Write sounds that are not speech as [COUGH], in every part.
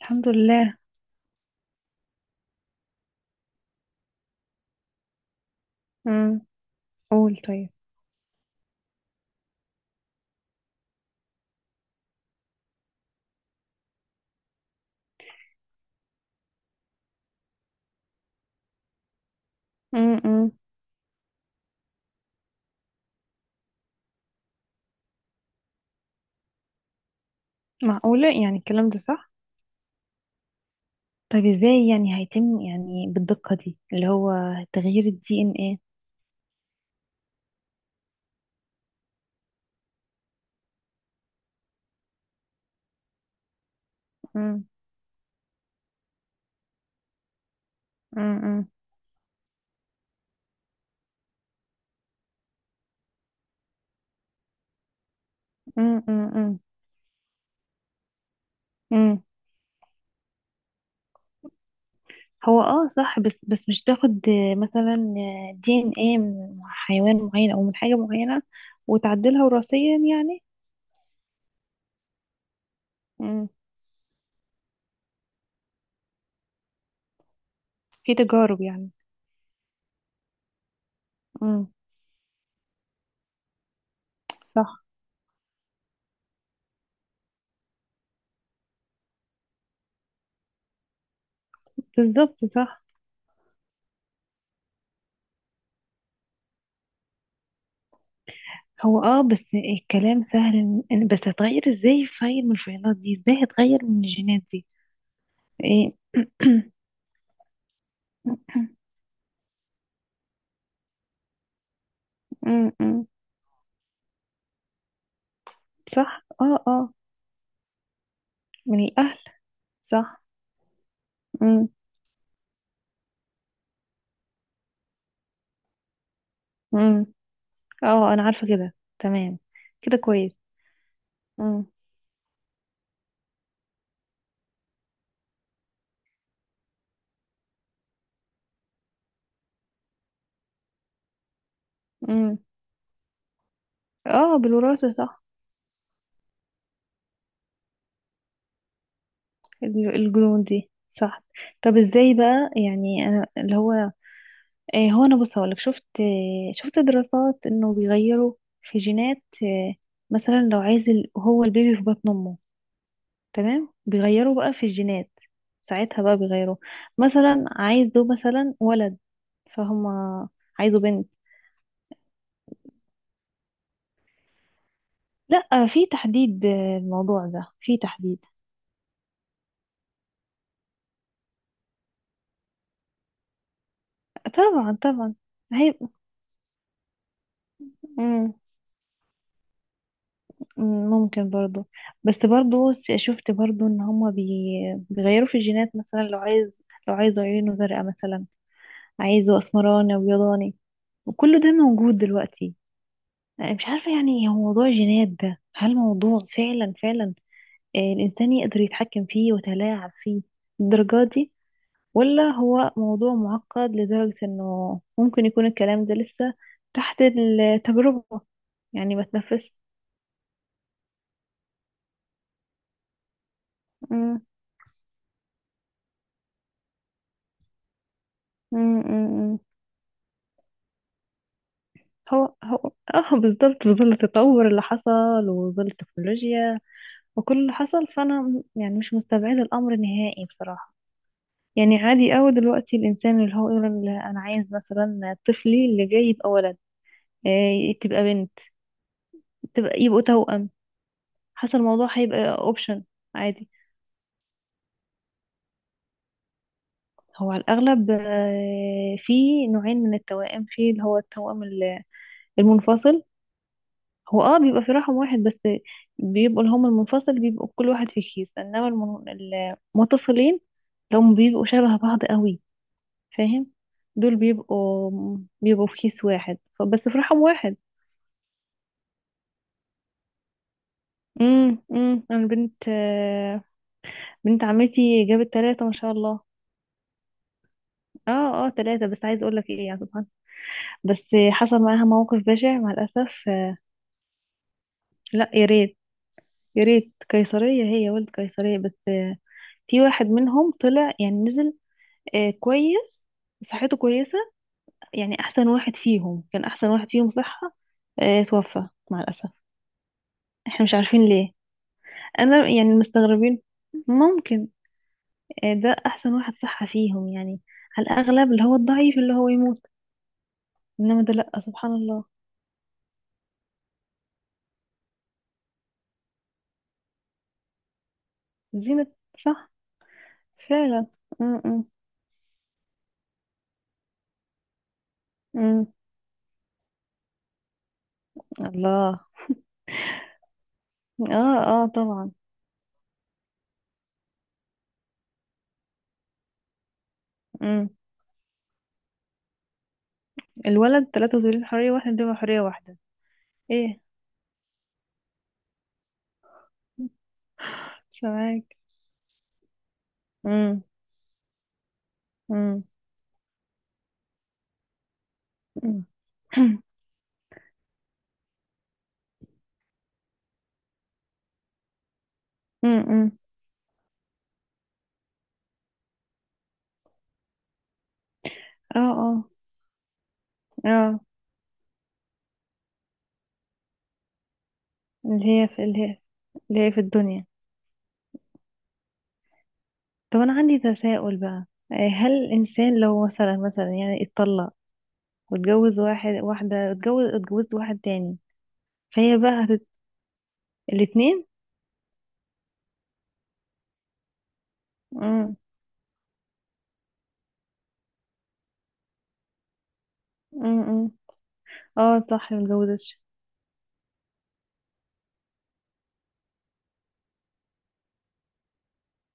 الحمد لله. امم. قول طيب. امم. معقولة، يعني الكلام ده صح؟ طيب، ازاي يعني هيتم يعني بالدقة دي اللي هو تغيير الدي ان ايه؟ امم. امم. امم. امم. هو اه صح. بس بس مش تاخد، مثلا دي ان ايه من حيوان معين او من حاجة معينة، وتعدلها وراثيا يعني. امم. في تجارب يعني؟ امم. صح. بالظبط صح. هو اه بس الكلام سهل، بس هتغير ازاي فايل من الفايلات دي؟ ازاي هتغير من الجينات دي؟ ايه؟ [CLEARS THROAT] م. صح. اه اه. من الاهل. صح. م- م. اه، انا عارفه كده تمام. كده كويس. م- م. اه، بالوراثه صح. الجنون دي صح. طب، ازاي بقى يعني انا اللي هو، هو انا بص هقولك، شفت دراسات انه بيغيروا في جينات، مثلا لو عايز هو البيبي في بطن امه تمام، بيغيروا بقى في الجينات. ساعتها بقى بيغيروا، مثلا عايزه مثلا ولد. فهم. عايزه بنت. لا، في تحديد، الموضوع ده في تحديد. طبعا طبعا. هي. مم. مم. ممكن برضو. بس برضو، شفت برضو ان هما بيغيروا في الجينات، مثلا لو عايز عيونه زرقاء مثلا، عايزه اسمراني وابيضاني، وكل ده موجود دلوقتي. انا مش عارفه يعني هو موضوع الجينات ده، هل موضوع فعلا فعلا الانسان يقدر يتحكم فيه ويتلاعب فيه للدرجه دي، ولا هو موضوع معقد لدرجه انه ممكن يكون الكلام ده لسه تحت التجربه، يعني ما تنفس. مم. مم. مم. مم. هو [LAUGHS] اه بالظبط، بظل التطور اللي حصل وظل التكنولوجيا وكل اللي حصل، فانا يعني مش مستبعدة الامر نهائي بصراحة. يعني عادي قوي دلوقتي الانسان اللي هو يقول انا عايز مثلا طفلي اللي جاي يبقى ولد، تبقى بنت، تبقى يبقوا توأم، حسب الموضوع هيبقى اوبشن. عادي. هو على الاغلب، في نوعين من التوائم، في اللي هو التوأم المنفصل. هو اه بيبقى في رحم واحد، بس بيبقوا اللي هم المنفصل بيبقوا كل واحد في كيس، انما المتصلين اللي هم بيبقوا شبه بعض قوي، فاهم؟ دول بيبقوا، في كيس واحد، بس في رحم واحد. انا بنت، بنت عمتي جابت ثلاثة ما شاء الله. اه اه ثلاثة. بس عايز اقول لك ايه يا سبحان، بس حصل معاها موقف بشع مع الاسف لا يا ريت. يا ريت قيصرية، هي ولد قيصرية، بس في واحد منهم طلع، يعني نزل كويس، صحته كويسة، يعني احسن واحد فيهم كان احسن واحد فيهم صحة، توفى مع الاسف. احنا مش عارفين ليه. انا يعني مستغربين. ممكن. ده احسن واحد صح فيهم يعني، على الاغلب اللي هو الضعيف اللي هو يموت، انما ده لا، سبحان الله. زينة. صح. فعلا. م -م. م. الله. اه اه طبعا. م. الولد ثلاثة ذرية، حرية واحدة، دي حرية واحدة. ايه؟ سامعاك. م. م. م. [CLEARS THROAT] [COUGHS] م. م. اه اه اه، اللي هي في اللي هي اللي هي في الدنيا. طب انا عندي تساؤل بقى، هل الانسان لو مثلا يعني اتطلق واتجوز واحد، واحدة اتجوز اتجوزت واحد تاني، فهي بقى الاتنين؟ مم. مم. مم. اه صح، متجوزتش.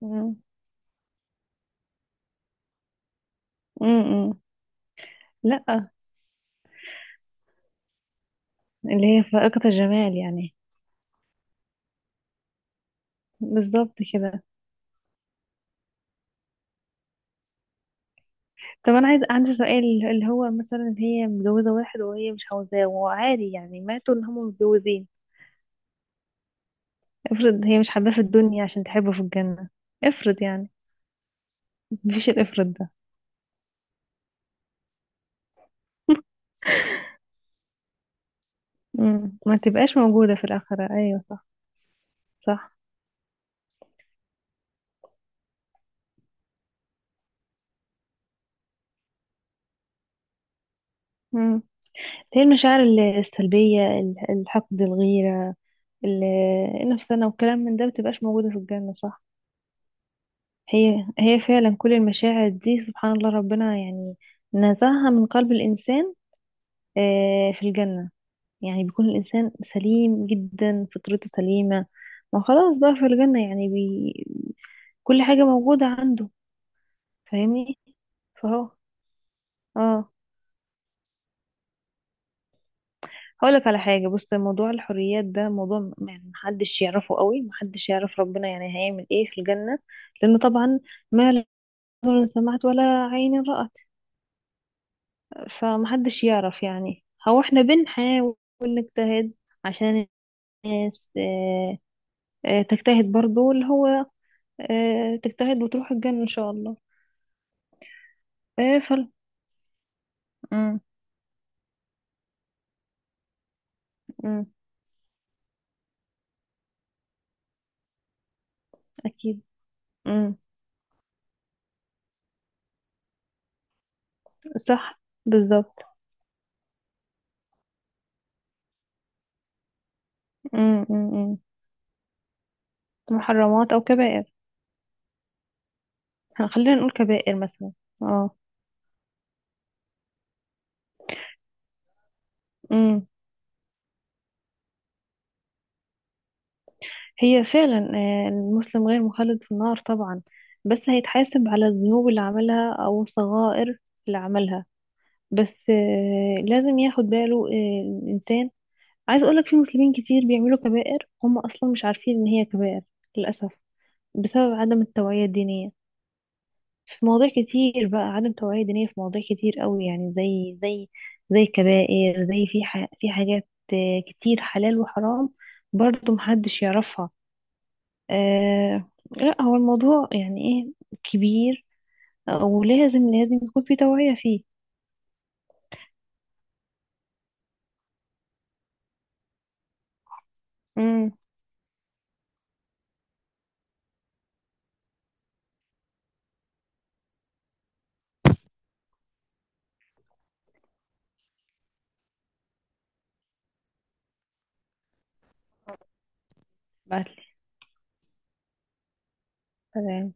مم. مم. مم. لأ. اللي هي فائقة الجمال يعني. بالظبط كده. طب انا عندي سؤال، اللي هو مثلا هي متجوزة واحد وهي مش عاوزاه، وعادي يعني ماتوا ان هم متجوزين. افرض هي مش حباه في الدنيا، عشان تحبه في الجنة. افرض يعني. مفيش الافرض ده. مم. ما تبقاش موجودة في الآخرة، ايوه صح. صح. هي المشاعر السلبية، الحقد، الغيرة، ال- النفسانة، والكلام من ده متبقاش موجودة في الجنة صح. هي فعلا كل المشاعر دي سبحان الله، ربنا يعني نزعها من قلب الإنسان في الجنة. يعني بيكون الإنسان سليم جدا، فطرته سليمة، ما خلاص بقى في الجنة، يعني كل حاجة موجودة عنده. فاهمني؟ فهو اه هقولك على حاجة. بص، موضوع الحريات ده موضوع، يعني محدش يعرفه قوي، محدش يعرف ربنا يعني هيعمل ايه في الجنة. لأنه طبعا ما لا أذن سمعت ولا عين رأت، فمحدش يعرف يعني. هو احنا بنحاول نجتهد عشان الناس، اه، اه تجتهد برضو اللي هو اه تجتهد وتروح الجنة إن شاء الله. اه فل. مم. مم. أكيد. مم. صح. بالظبط. مم. مم. مم. محرمات أو كبائر. خلينا نقول كبائر مثلا. اه. امم. هي فعلا المسلم غير مخلد في النار طبعا، بس هيتحاسب على الذنوب اللي عملها او الصغائر اللي عملها. بس لازم ياخد باله الانسان. عايز اقولك في مسلمين كتير بيعملوا كبائر، هم اصلا مش عارفين ان هي كبائر، للاسف، بسبب عدم التوعية الدينية. في مواضيع كتير بقى، عدم توعية دينية في مواضيع كتير قوي، يعني زي زي الكبائر، زي في في حاجات كتير حلال وحرام، برضه محدش يعرفها. آه لا، هو الموضوع يعني ايه، كبير، ولازم يكون في توعية فيه. امم. بعتلي. تمام.